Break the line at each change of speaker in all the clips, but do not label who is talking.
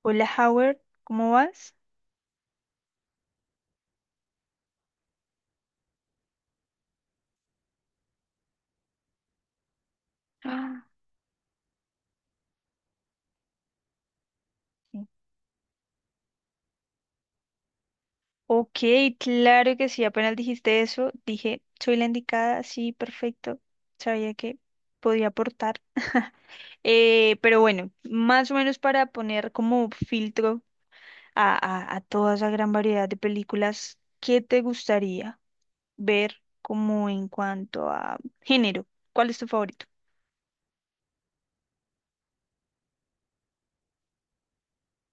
Hola Howard, ¿cómo vas? Ah, sí. Ok, claro que sí, apenas dijiste eso, dije, soy la indicada, sí, perfecto, sabía que podía aportar. Pero bueno, más o menos para poner como filtro a, a toda esa gran variedad de películas, ¿qué te gustaría ver como en cuanto a género? ¿Cuál es tu favorito?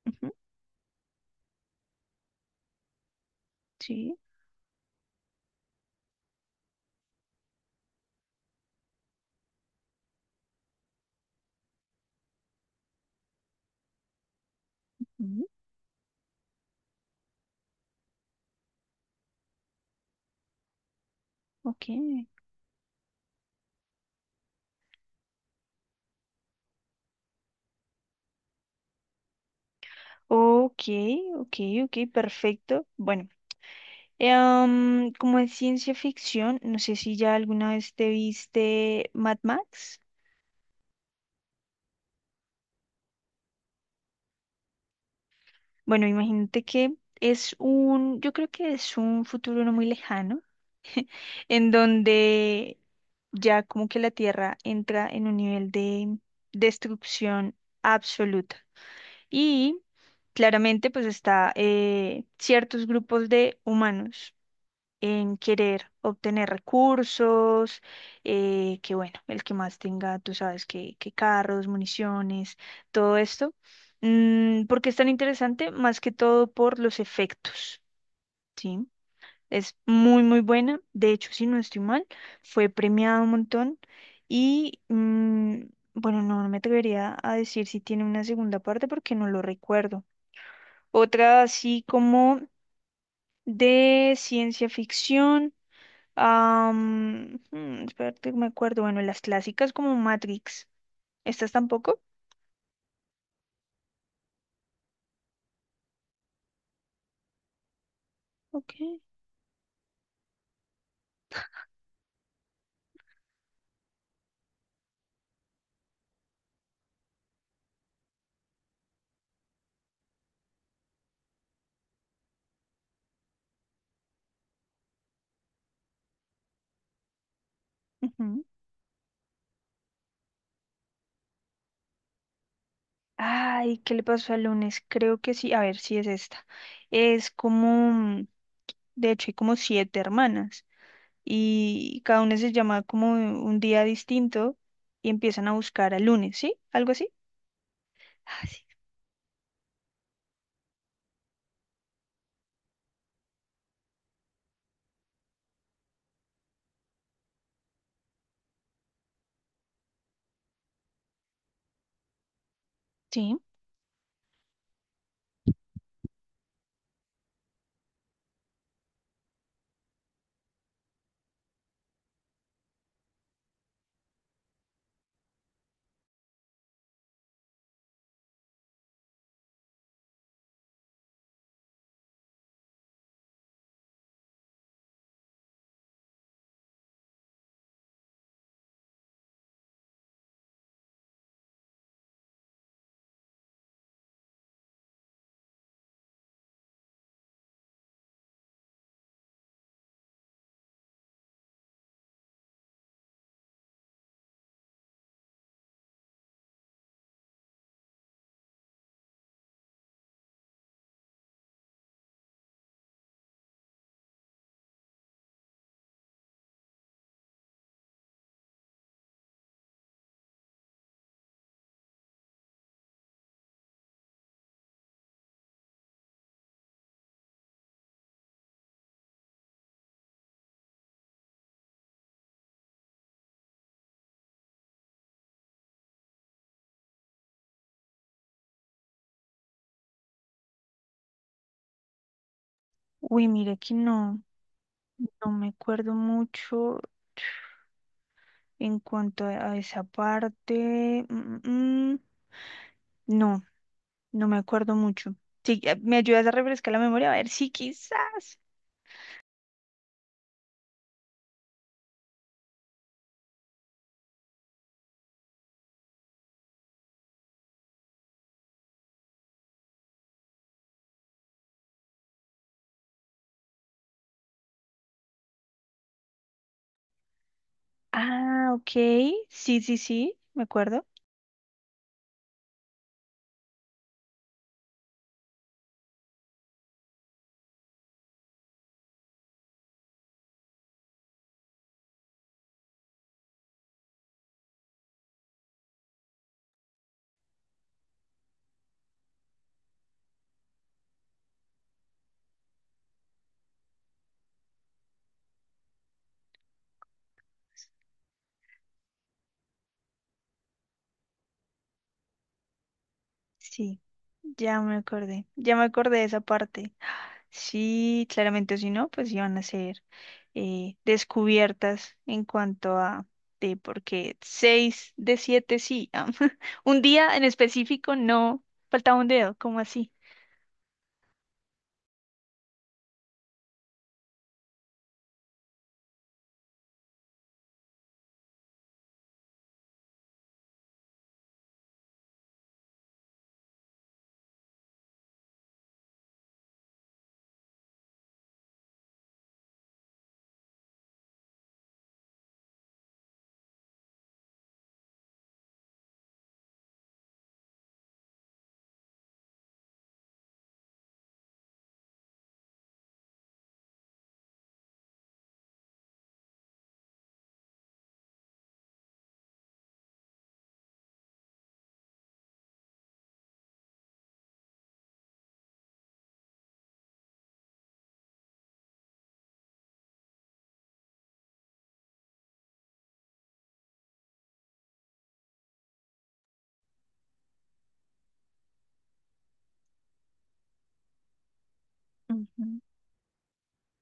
Ujú, sí, ujú, ok, ok, ok, ok, perfecto. Bueno. Como es ciencia ficción, no sé si ya alguna vez te viste Mad Max. Bueno, imagínate que es un, yo creo que es un futuro no muy lejano, en donde ya como que la Tierra entra en un nivel de destrucción absoluta. Y claramente pues está ciertos grupos de humanos en querer obtener recursos, que bueno, el que más tenga, tú sabes, que carros, municiones, todo esto. ¿Por qué es tan interesante? Más que todo por los efectos, ¿sí? Es muy, muy buena. De hecho, si no estoy mal, fue premiada un montón y... mm, Bueno, no, no me atrevería a decir si tiene una segunda parte porque no lo recuerdo. Otra así como de ciencia ficción. Espérate que me acuerdo. Bueno, las clásicas como Matrix. ¿Estas tampoco? Ok. Ujú. Ay, ¿qué le pasó al lunes? Creo que sí. A ver, sí es esta. Es como, de hecho, hay como siete hermanas y cada una se llama como un día distinto y empiezan a buscar al lunes, ¿sí? ¿Algo así? Ah, sí. Sí. Uy, mira que no, no me acuerdo mucho en cuanto a esa parte. Mm, mm, mm. No. No me acuerdo mucho. Sí, ¿me ayudas a refrescar la memoria? A ver, sí, quizás. Ah, ok. Sí, sí, sí, me acuerdo. Sí, ya me acordé. Ya me acordé de esa parte. Sí, claramente, o si no, pues iban a ser descubiertas en cuanto a de porque seis de siete sí. Un día en específico no faltaba un dedo, ¿cómo así? Ujú.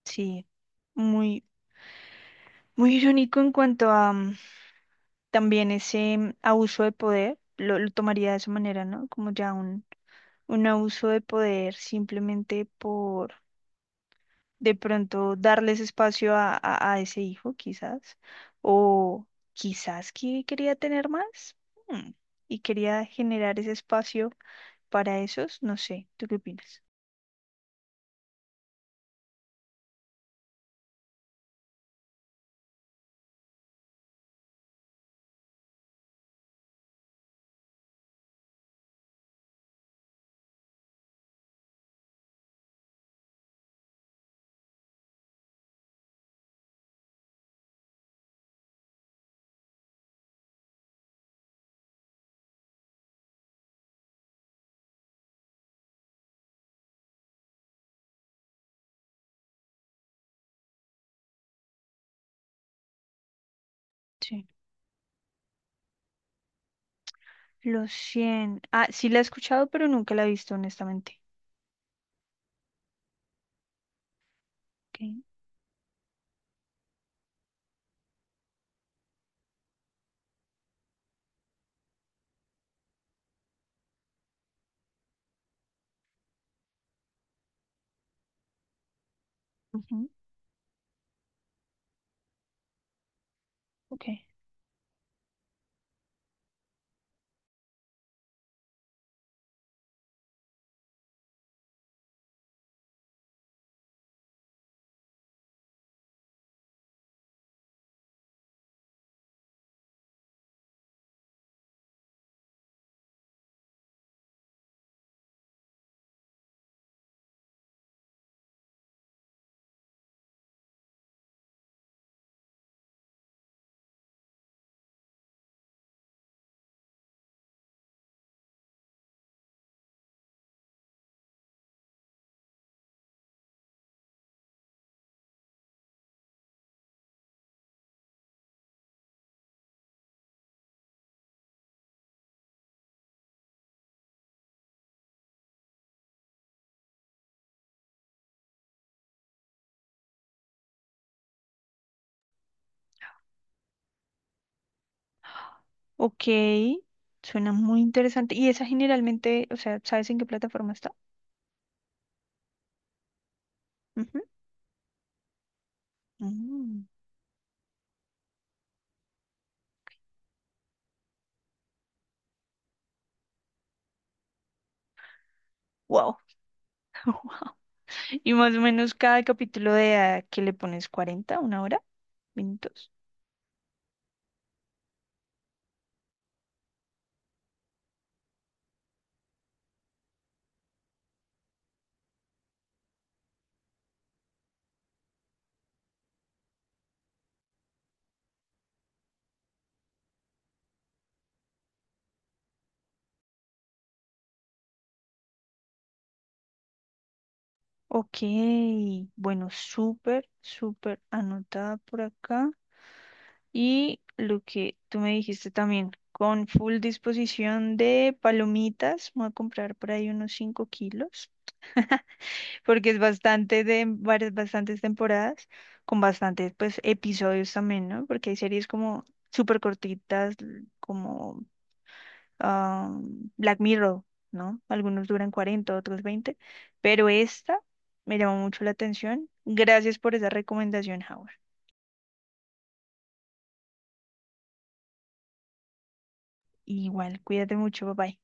Sí, muy, muy irónico en cuanto a, también ese abuso de poder, lo tomaría de esa manera, ¿no? Como ya un abuso de poder simplemente por de pronto darles espacio a, a ese hijo, quizás, o quizás que quería tener más mm, y quería generar ese espacio para esos, no sé, ¿tú qué opinas? Sí. Los 100. Ah, sí la he escuchado, pero nunca la he visto, honestamente. Ok. Ujú, ok. Ok, suena muy interesante. ¿Y esa generalmente, o sea, sabes en qué plataforma está? Ujú. Mm, wow. Wow. Y más o menos cada capítulo de que le pones cuarenta, una hora, minutos. Ok, bueno, súper, súper anotada por acá. Y lo que tú me dijiste también, con full disposición de palomitas, voy a comprar por ahí unos 5 kilos. Porque es bastante de varias, bastantes temporadas, con bastantes pues episodios también, ¿no? Porque hay series como súper cortitas, como ah, Black Mirror, ¿no? Algunos duran 40 otros 20 pero esta me llamó mucho la atención. Gracias por esa recomendación, Howard. Igual, cuídate mucho, bye bye.